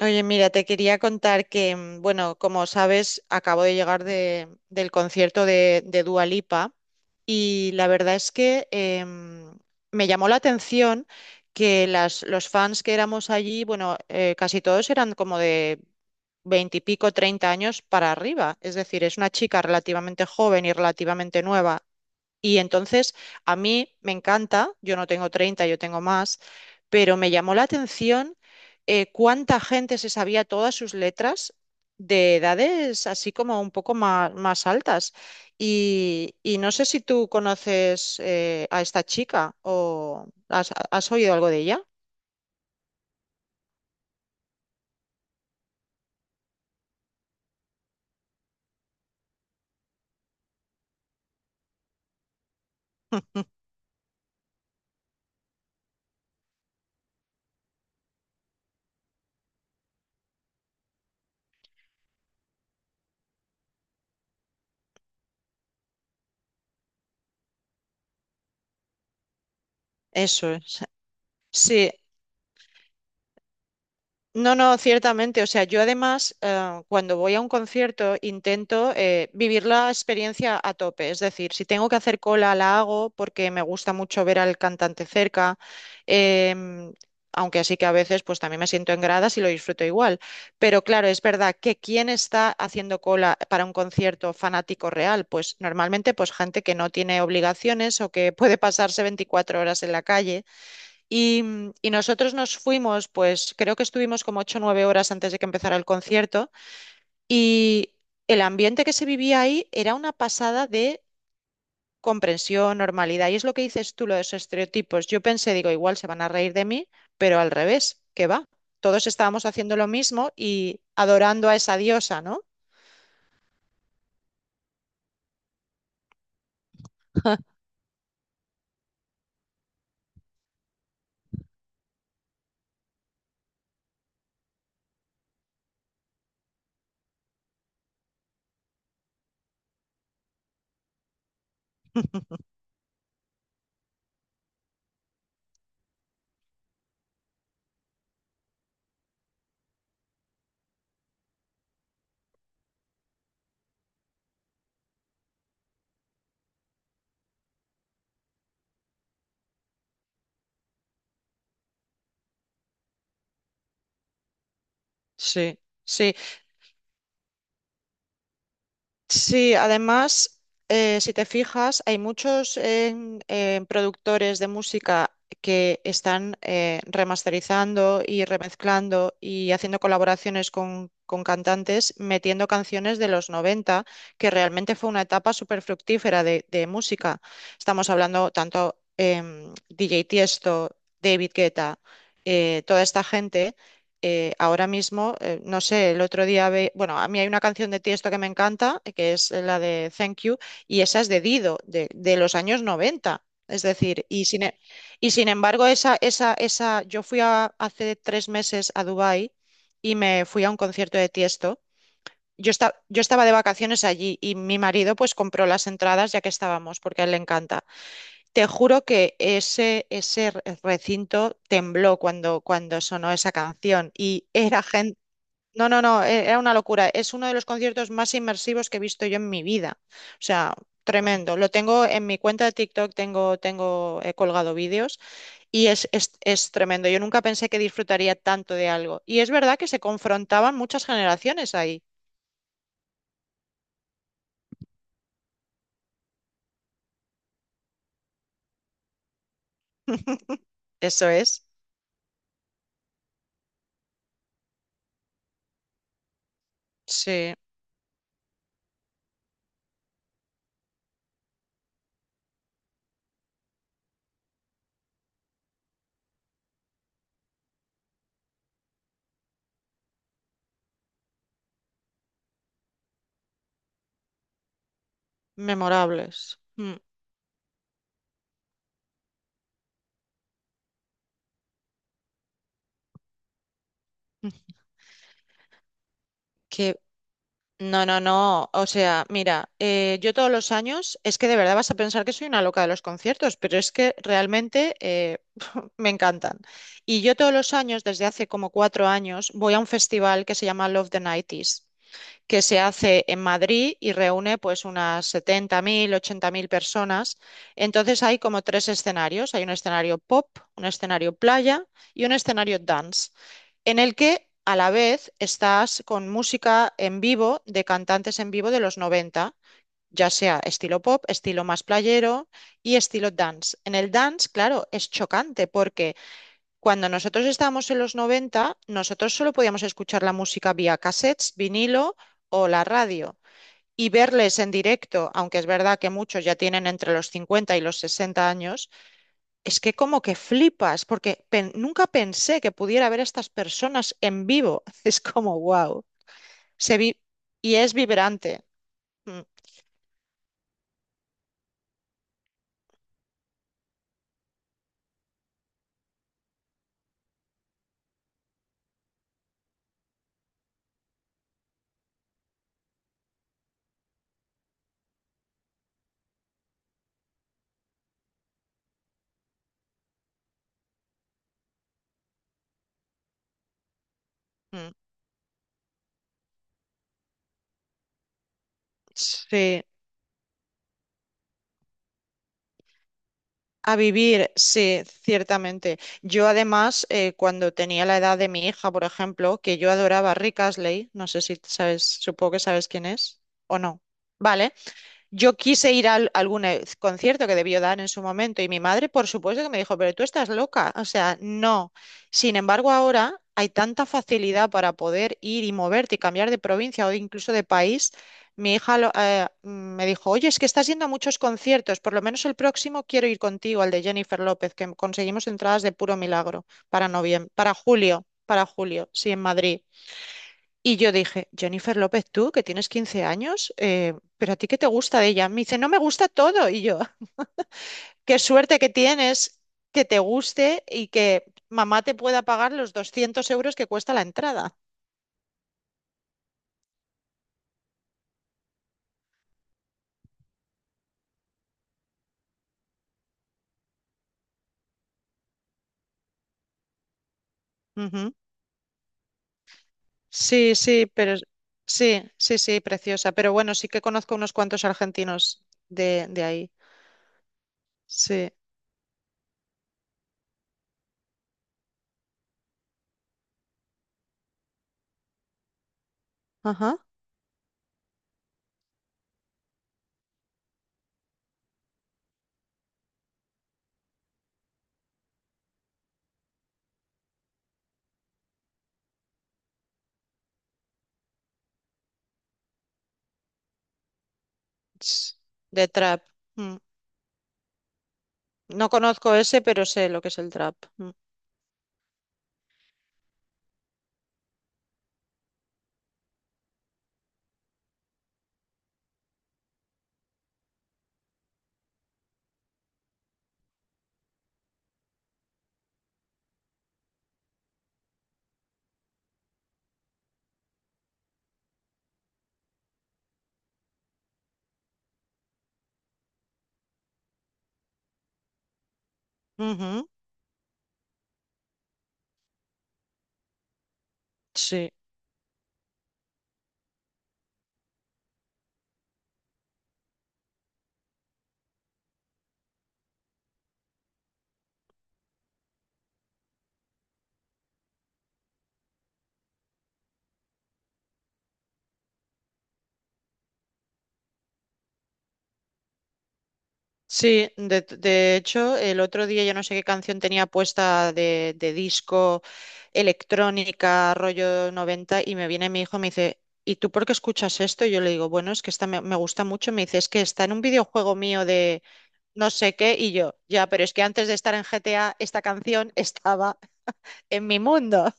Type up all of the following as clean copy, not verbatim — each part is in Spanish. Oye, mira, te quería contar que, bueno, como sabes, acabo de llegar del concierto de Dua Lipa y la verdad es que me llamó la atención que los fans que éramos allí, bueno, casi todos eran como de veintipico, 30 años para arriba. Es decir, es una chica relativamente joven y relativamente nueva y entonces a mí me encanta, yo no tengo 30, yo tengo más, pero me llamó la atención cuánta gente se sabía todas sus letras de edades así como un poco más altas. Y no sé si tú conoces a esta chica o has oído algo de ella. Eso es. Sí. No, no, ciertamente. O sea, yo además, cuando voy a un concierto, intento vivir la experiencia a tope. Es decir, si tengo que hacer cola, la hago porque me gusta mucho ver al cantante cerca. em, aunque así que a veces, pues también me siento en gradas y lo disfruto igual. Pero claro, es verdad que quién está haciendo cola para un concierto fanático real, pues normalmente, pues gente que no tiene obligaciones o que puede pasarse 24 horas en la calle. Y nosotros nos fuimos, pues creo que estuvimos como ocho o 9 horas antes de que empezara el concierto y el ambiente que se vivía ahí era una pasada de comprensión, normalidad. Y es lo que dices tú, lo de los estereotipos. Yo pensé, digo, igual se van a reír de mí, pero al revés, qué va. Todos estábamos haciendo lo mismo y adorando a esa diosa, ¿no? Sí, sí, sí. Además, si te fijas, hay muchos productores de música que están remasterizando y remezclando y haciendo colaboraciones con cantantes, metiendo canciones de los 90, que realmente fue una etapa súper fructífera de música. Estamos hablando tanto DJ Tiesto, David Guetta, toda esta gente. Ahora mismo, no sé, el otro día, ve, bueno, a mí hay una canción de Tiesto que me encanta, que es la de Thank You, y esa es de Dido, de los años noventa. Es decir, y sin embargo, esa, yo hace 3 meses a Dubái y me fui a un concierto de Tiesto. Yo estaba de vacaciones allí y mi marido pues compró las entradas ya que estábamos, porque a él le encanta. Te juro que ese recinto tembló cuando sonó esa canción y era gente... No, no, no, era una locura. Es uno de los conciertos más inmersivos que he visto yo en mi vida. O sea, tremendo. Lo tengo en mi cuenta de TikTok, he colgado vídeos y es tremendo. Yo nunca pensé que disfrutaría tanto de algo. Y es verdad que se confrontaban muchas generaciones ahí. Eso es. Sí, memorables. Mm. Qué No, no, no. O sea, mira, yo todos los años, es que de verdad vas a pensar que soy una loca de los conciertos, pero es que realmente me encantan. Y yo todos los años, desde hace como 4 años, voy a un festival que se llama Love the 90 que se hace en Madrid y reúne pues unas 70.000 80.000 personas. Entonces hay como tres escenarios. Hay un escenario pop, un escenario playa y un escenario dance, en el que a la vez estás con música en vivo de cantantes en vivo de los 90, ya sea estilo pop, estilo más playero y estilo dance. En el dance, claro, es chocante porque... Cuando nosotros estábamos en los 90, nosotros solo podíamos escuchar la música vía cassettes, vinilo o la radio y verles en directo, aunque es verdad que muchos ya tienen entre los 50 y los 60 años, es que como que flipas, porque nunca pensé que pudiera ver a estas personas en vivo. Es como, wow, se vi y es vibrante. Mm. Mm. Sí. A vivir, sí, ciertamente. Yo además, cuando tenía la edad de mi hija, por ejemplo, que yo adoraba a Rick Astley, no sé si sabes, supongo que sabes quién es o no. Vale, yo quise ir a algún concierto que debió dar en su momento y mi madre, por supuesto, que me dijo, pero tú estás loca, o sea, no. Sin embargo, ahora hay tanta facilidad para poder ir y moverte y cambiar de provincia o incluso de país. Mi hija me dijo, oye, es que estás yendo a muchos conciertos, por lo menos el próximo quiero ir contigo, al de Jennifer López, que conseguimos entradas de puro milagro para para julio, sí, en Madrid. Y yo dije, Jennifer López, tú que tienes 15 años, ¿pero a ti qué te gusta de ella? Me dice, no, me gusta todo. Y yo, qué suerte que tienes que te guste y que mamá te pueda pagar los 200 euros que cuesta la entrada. Ujú. Sí, sí, pero sí, sí, sí, preciosa. Pero bueno, sí que conozco unos cuantos argentinos de ahí. Sí, ajá. Ts- De trap. Mm. No conozco ese, pero sé lo que es el trap. Mm. Ujú. Sí. Sí, de hecho, el otro día yo no sé qué canción tenía puesta de disco, electrónica, rollo 90 y me viene mi hijo y me dice, ¿y tú por qué escuchas esto? Y yo le digo, bueno, es que esta me gusta mucho. Me dice, es que está en un videojuego mío de no sé qué, y yo, ya, pero es que antes de estar en GTA, esta canción estaba en mi mundo.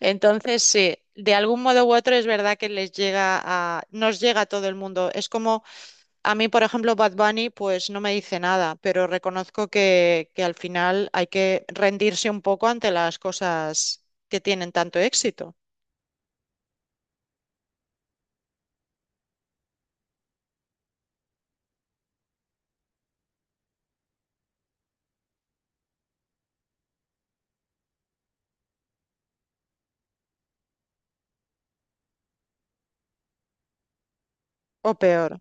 Entonces, sí, de algún modo u otro es verdad que les llega a, nos llega a todo el mundo. Es como A mí, por ejemplo, Bad Bunny, pues no me dice nada, pero reconozco que al final hay que rendirse un poco ante las cosas que tienen tanto éxito, o peor.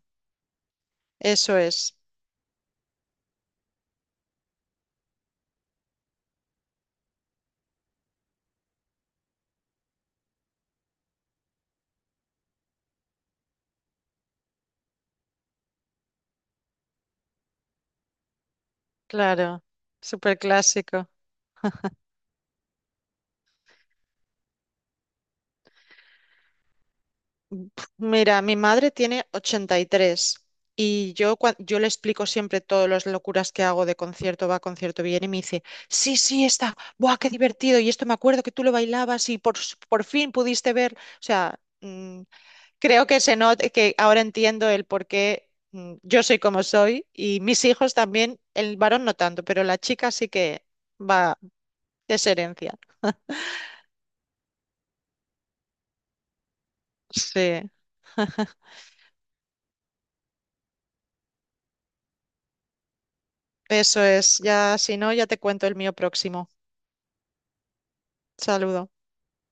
Eso es, claro, súper clásico. Mira, mi madre tiene 83 y tres y yo, yo le explico siempre todas las locuras que hago de concierto, va, concierto viene y me dice, sí, sí, está, ¡buah, qué divertido! Y esto me acuerdo que tú lo bailabas y por fin pudiste ver, o sea, creo que se not- que ahora entiendo el por qué, yo soy como soy y mis hijos también, el varón no tanto, pero la chica sí que va, es herencia. Sí, eso es. Ya, si no, ya te cuento el mío próximo. Saludo